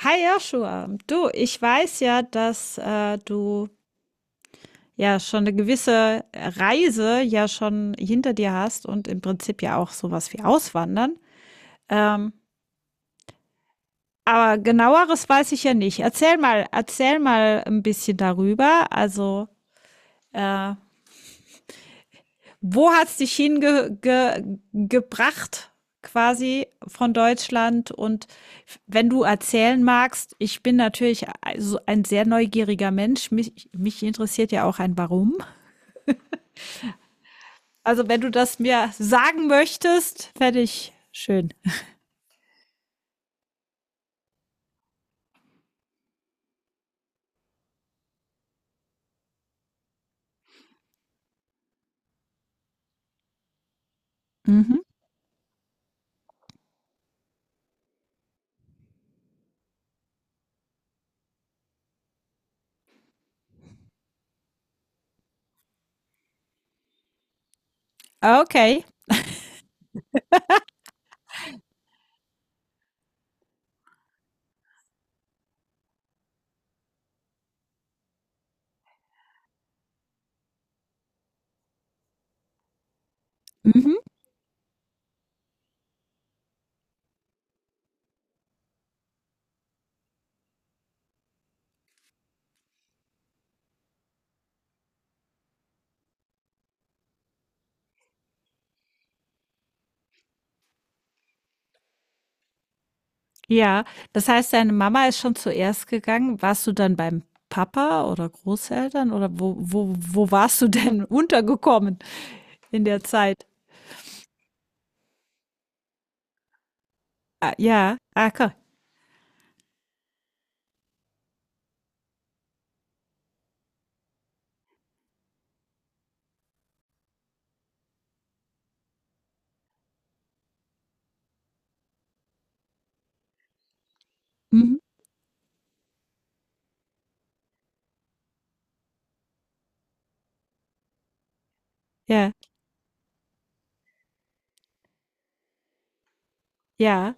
Hi Joshua, du, ich weiß ja, dass du ja schon eine gewisse Reise ja schon hinter dir hast und im Prinzip ja auch sowas wie Auswandern. Ähm, aber genaueres weiß ich ja nicht. Erzähl mal ein bisschen darüber. Also, äh, wo hat's dich hinge ge gebracht quasi von Deutschland? Und wenn du erzählen magst, ich bin natürlich also ein sehr neugieriger Mensch. Mich interessiert ja auch ein Warum. Also, wenn du das mir sagen möchtest, fände ich schön. Mhm. Okay. Mhm. Ja, das heißt, deine Mama ist schon zuerst gegangen. Warst du dann beim Papa oder Großeltern oder wo warst du denn untergekommen in der Zeit? Ah, ja. Ah, ko Mhm. Ja, ja.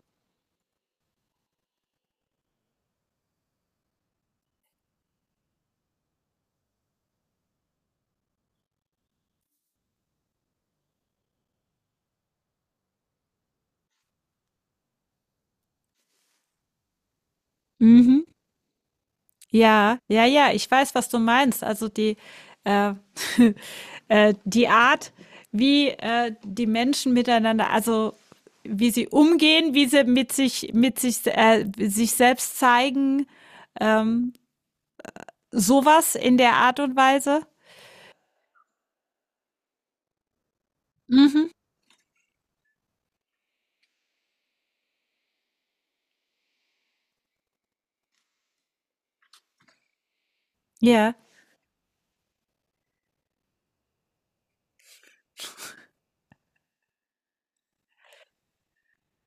Mhm. Ja, ja, ja, ich weiß, was du meinst. Also die, äh, die Art, wie die Menschen miteinander, also wie sie umgehen, wie sie mit sich, sich selbst zeigen, ähm, sowas in der Art und Weise. Mhm. Ja,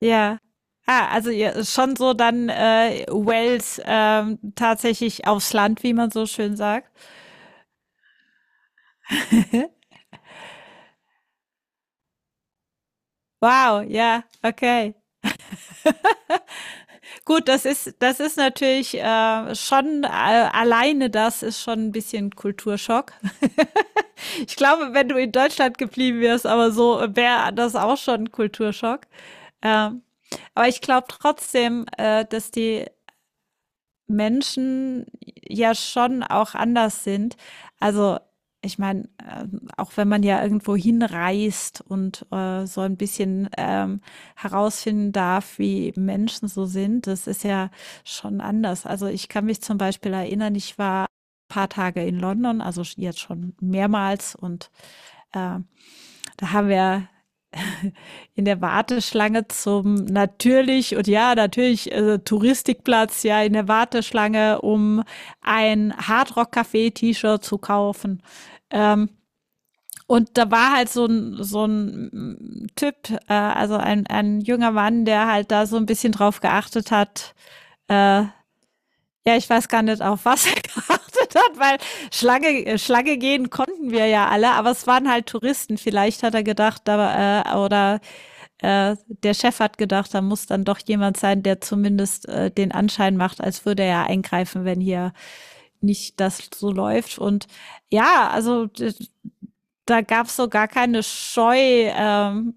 ja. Ah, also ja, schon so dann Wales tatsächlich aufs Land, wie man so schön sagt. Wow, ja, okay. Gut, das ist natürlich, schon alleine das ist schon ein bisschen Kulturschock. Ich glaube, wenn du in Deutschland geblieben wärst, aber so wäre das auch schon 'n Kulturschock. Ähm, aber ich glaube trotzdem, dass die Menschen ja schon auch anders sind. Also, ich meine, auch wenn man ja irgendwo hinreist und, so ein bisschen, herausfinden darf, wie Menschen so sind, das ist ja schon anders. Also, ich kann mich zum Beispiel erinnern, ich war ein paar Tage in London, also jetzt schon mehrmals und, ähm, da haben wir in der Warteschlange zum natürlich und ja, natürlich Touristikplatz, ja, in der Warteschlange, um ein Hardrock Café T-Shirt zu kaufen. Ähm, und da war halt so ein Typ, also ein junger Mann, der halt da so ein bisschen drauf geachtet hat. Äh, ja, ich weiß gar nicht, auf was er geachtet hat, weil Schlange gehen konnten wir ja alle, aber es waren halt Touristen. Vielleicht hat er gedacht, da, oder äh, der Chef hat gedacht, da muss dann doch jemand sein, der zumindest den Anschein macht, als würde er ja eingreifen, wenn hier nicht das so läuft. Und ja, also da gab es so gar keine Scheu.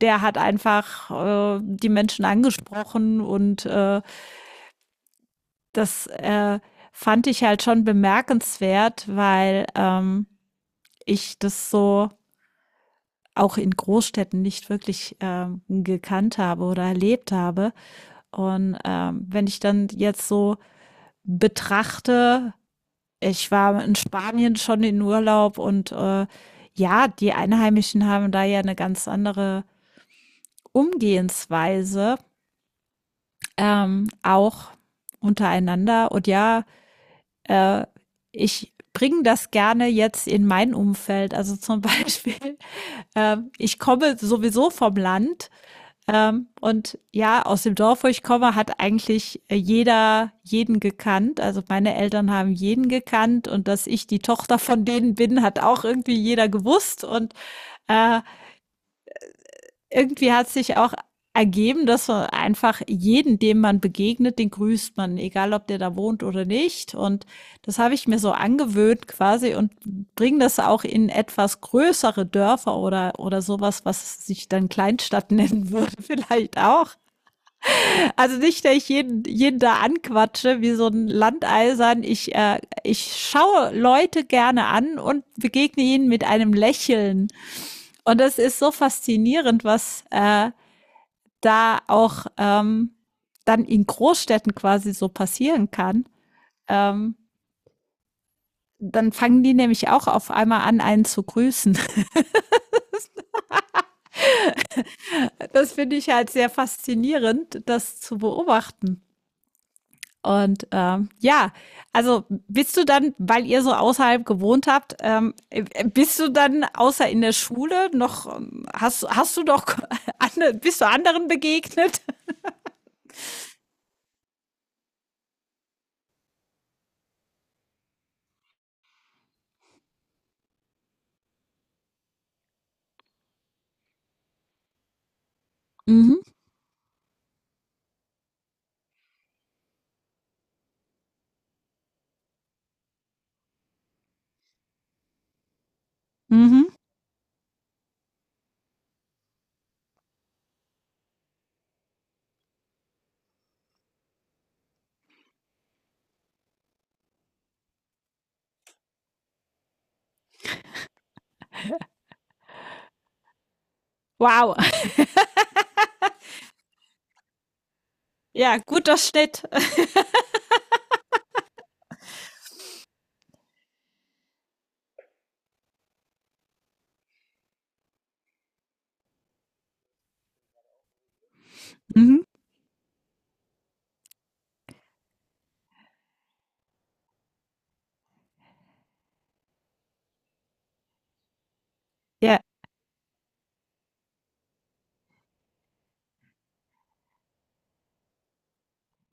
Der hat einfach die Menschen angesprochen und das fand ich halt schon bemerkenswert, weil ich das so auch in Großstädten nicht wirklich gekannt habe oder erlebt habe. Und wenn ich dann jetzt so betrachte, ich war in Spanien schon in Urlaub und ja, die Einheimischen haben da ja eine ganz andere Umgehensweise, auch untereinander. Und ja, äh, ich bringe das gerne jetzt in mein Umfeld. Also zum Beispiel, ich komme sowieso vom Land. Und ja, aus dem Dorf, wo ich komme, hat eigentlich jeder jeden gekannt. Also meine Eltern haben jeden gekannt und dass ich die Tochter von denen bin, hat auch irgendwie jeder gewusst. Und äh, irgendwie hat sich auch ergeben, dass man einfach jeden, dem man begegnet, den grüßt man, egal ob der da wohnt oder nicht. Und das habe ich mir so angewöhnt quasi und bringe das auch in etwas größere Dörfer oder sowas, was sich dann Kleinstadt nennen würde, vielleicht auch. Also nicht, dass ich jeden da anquatsche wie so ein Landeisern. Ich schaue Leute gerne an und begegne ihnen mit einem Lächeln. Und das ist so faszinierend, was da auch dann in Großstädten quasi so passieren kann. Ähm, dann fangen die nämlich auch auf einmal an, einen zu grüßen. Das finde ich halt sehr faszinierend, das zu beobachten. Und ja, also bist du dann, weil ihr so außerhalb gewohnt habt, bist du dann außer in der Schule noch, hast, hast du doch, bist du anderen begegnet? Mhm. Mhm. Wow. Ja, guter Schnitt. Mhm. Ja,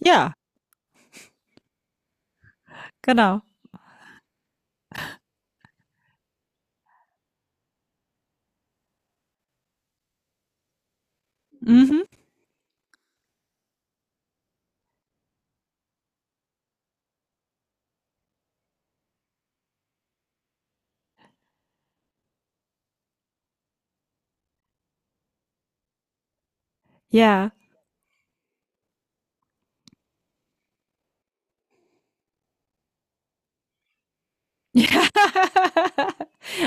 ja, genau. Mhm. Ja. Ja.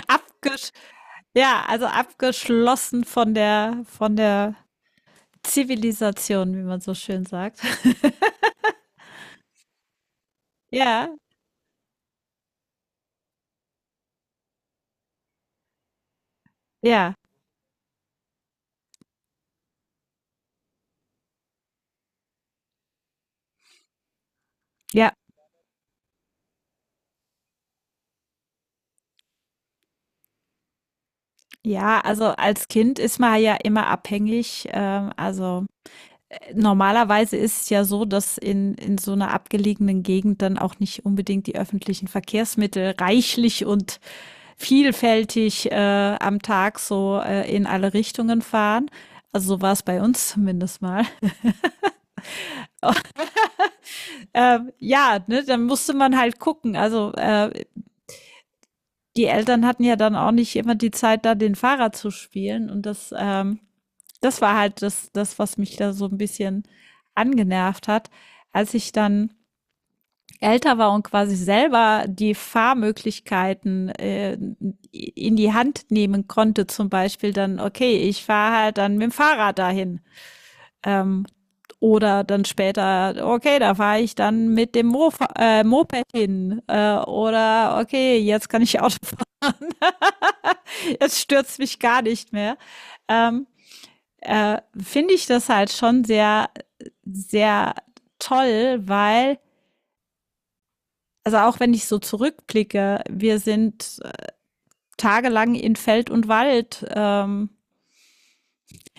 Abgesch ja, also abgeschlossen von der Zivilisation, wie man so schön sagt. Ja, ja, ja. Ja, also als Kind ist man ja immer abhängig. Also, normalerweise ist es ja so, dass in so einer abgelegenen Gegend dann auch nicht unbedingt die öffentlichen Verkehrsmittel reichlich und vielfältig, am Tag so, in alle Richtungen fahren. Also, so war es bei uns zumindest mal. Ja, ne, dann musste man halt gucken. Also, die Eltern hatten ja dann auch nicht immer die Zeit, da den Fahrer zu spielen und das das war halt was mich da so ein bisschen angenervt hat. Als ich dann älter war und quasi selber die Fahrmöglichkeiten in die Hand nehmen konnte, zum Beispiel dann, okay, ich fahre halt dann mit dem Fahrrad dahin. Ähm, oder dann später, okay, da fahre ich dann mit dem Mo Moped hin. Oder okay, jetzt kann ich Auto fahren. jetzt stürzt mich gar nicht mehr. Ähm, finde ich das halt schon sehr, sehr toll, weil, also auch wenn ich so zurückblicke, wir sind tagelang in Feld und Wald.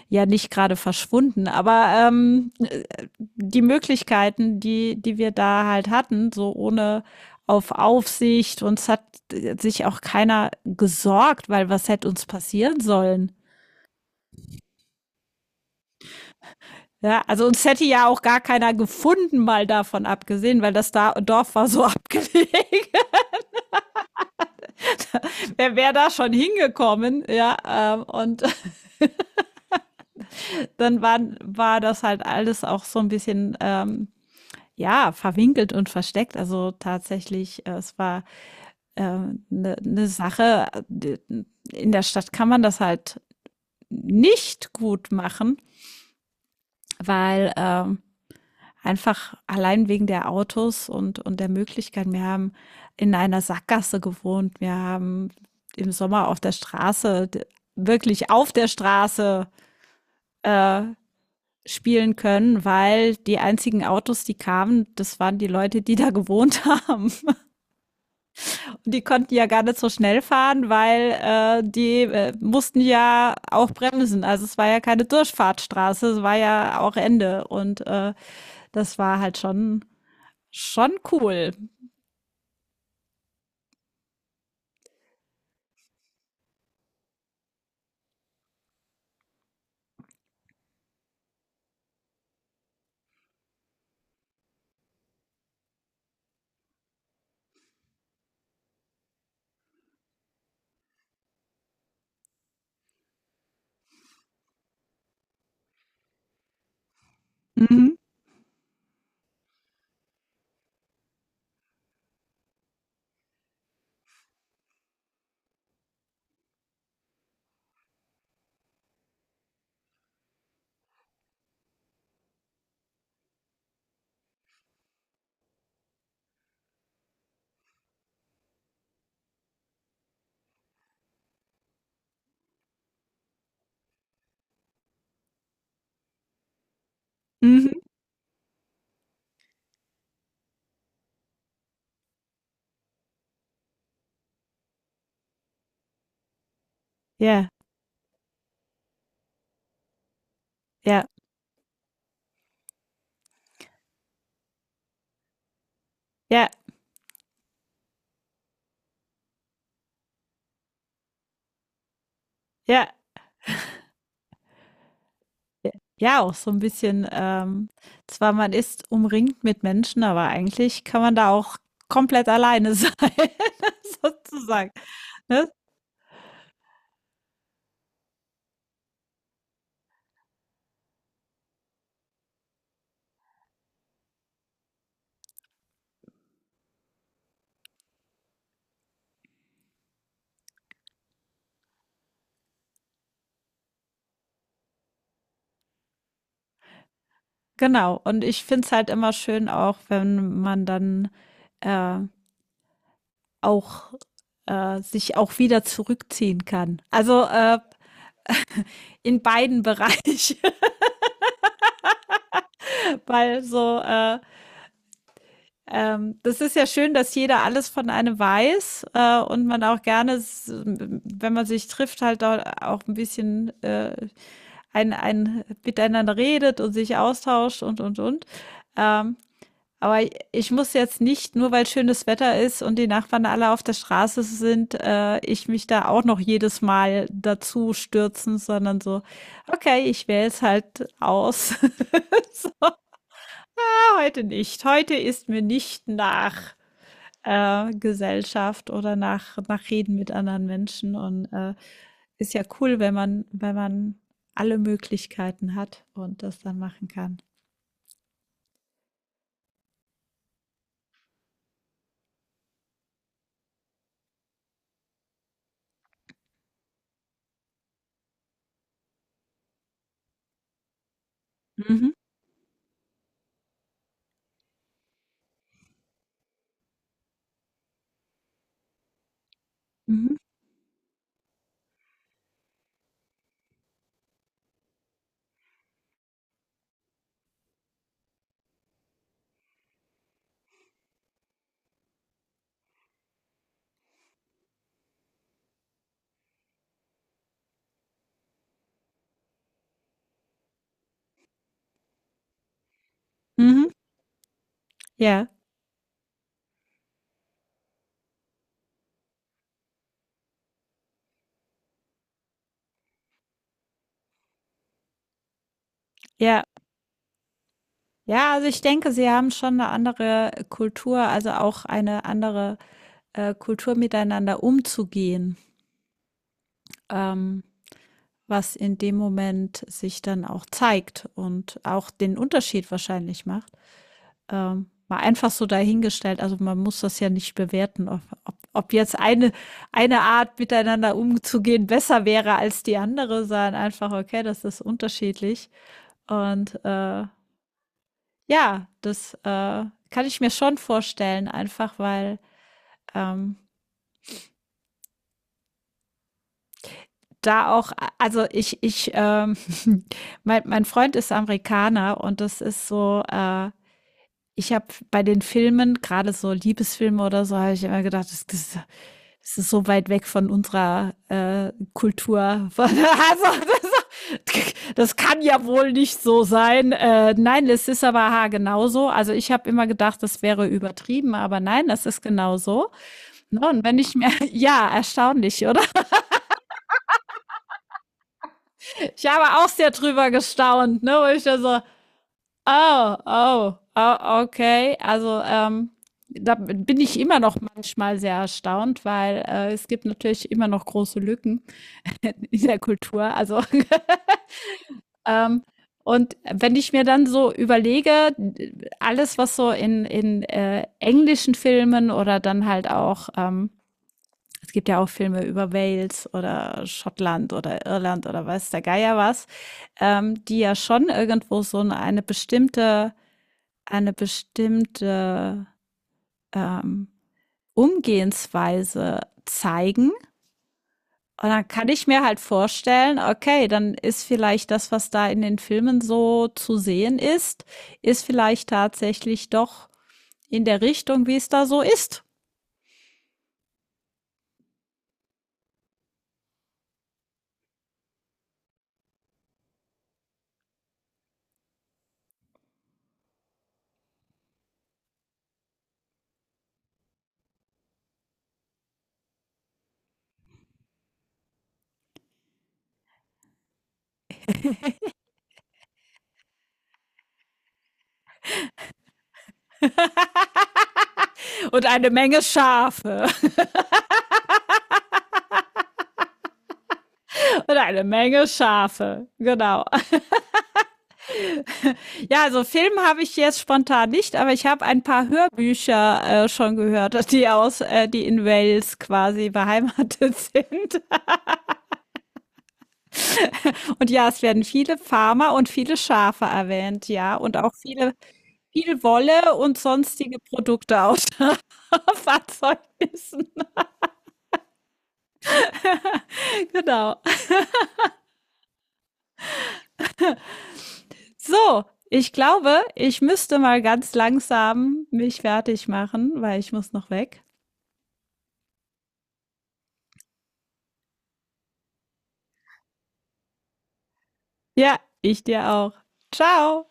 Ja nicht gerade verschwunden, aber die Möglichkeiten, die, die wir da halt hatten, so ohne auf Aufsicht, uns hat sich auch keiner gesorgt, weil was hätte uns passieren sollen? Ja, also uns hätte ja auch gar keiner gefunden, mal davon abgesehen, weil das da Dorf war so abgelegen. Wer wäre da schon hingekommen? Ja, und dann waren, war das halt alles auch so ein bisschen, ja, verwinkelt und versteckt. Also tatsächlich, es war eine ne Sache. äh, In der Stadt kann man das halt nicht gut machen, weil einfach allein wegen der Autos und der Möglichkeiten. Wir haben in einer Sackgasse gewohnt. Wir haben im Sommer auf der Straße d wirklich auf der Straße, äh, spielen können, weil die einzigen Autos, die kamen, das waren die Leute, die da gewohnt haben. Und die konnten ja gar nicht so schnell fahren, weil, die, mussten ja auch bremsen. Also, es war ja keine Durchfahrtsstraße, es war ja auch Ende und, das war halt schon cool. Mhm, mhm. Ja, ja, ja, ja, j ja, auch so ein bisschen, zwar man ist umringt mit Menschen, aber eigentlich kann man da auch komplett alleine sein, sozusagen, ne? Genau. Und ich finde es halt immer schön auch, wenn man dann, äh, auch sich auch wieder zurückziehen kann. Also, in beiden Bereichen, weil so, das ist ja schön, dass jeder alles von einem weiß, und man auch gerne, s wenn man sich trifft, halt da auch ein bisschen, ein miteinander redet und sich austauscht und, und. Ähm, aber ich muss jetzt nicht, nur weil schönes Wetter ist und die Nachbarn alle auf der Straße sind, ich mich da auch noch jedes Mal dazu stürzen, sondern so: „Okay, ich wähle es halt aus. So, ja, heute nicht. Heute ist mir nicht nach.“ Gesellschaft oder nach Reden mit anderen Menschen und, ist ja cool, wenn man wenn man alle Möglichkeiten hat und das dann machen kann. Mhm, mhm, mhm. Ja, ja. Ja, also ich denke, sie haben schon eine andere Kultur, also auch eine andere, Kultur miteinander umzugehen, ähm, was in dem Moment sich dann auch zeigt und auch den Unterschied wahrscheinlich macht. Mal einfach so dahingestellt. Also man muss das ja nicht bewerten, ob, ob, ob jetzt eine Art miteinander umzugehen besser wäre als die andere, sondern einfach, okay, das ist unterschiedlich. Und ja, das kann ich mir schon vorstellen, einfach weil ähm, da auch, also mein Freund ist Amerikaner und das ist so, ich habe bei den Filmen, gerade so Liebesfilme oder so, habe ich immer gedacht, das ist so weit weg von unserer, Kultur. Von also, das kann ja wohl nicht so sein. Nein, es ist aber ha genauso. Also, ich habe immer gedacht, das wäre übertrieben, aber nein, das ist genauso. Ne, und wenn ich mir ja, erstaunlich, oder? Ich habe auch sehr drüber gestaunt, ne, wo ich da so oh, oh, oh, okay. Also, da bin ich immer noch manchmal sehr erstaunt, weil, es gibt natürlich immer noch große Lücken in der Kultur. Also, ähm, und wenn ich mir dann so überlege, alles, was so in, englischen Filmen oder dann halt auch es gibt ja auch Filme über Wales oder Schottland oder Irland oder weiß der Geier was, die ja schon irgendwo so 'ne eine bestimmte ähm, Umgehensweise zeigen. Und dann kann ich mir halt vorstellen, okay, dann ist vielleicht das, was da in den Filmen so zu sehen ist, ist vielleicht tatsächlich doch in der Richtung, wie es da so ist. Und eine Menge Schafe. Und eine Menge Schafe. Genau. Ja, also Film habe ich jetzt spontan nicht, aber ich habe ein paar Hörbücher schon gehört, die aus, die in Wales quasi beheimatet sind. Und ja, es werden viele Farmer und viele Schafe erwähnt, ja, und auch viele, viel Wolle und sonstige Produkte aus Fahrzeugnissen. Genau. So, ich glaube, ich müsste mal ganz langsam mich fertig machen, weil ich muss noch weg. Ja, ich dir auch. Ciao.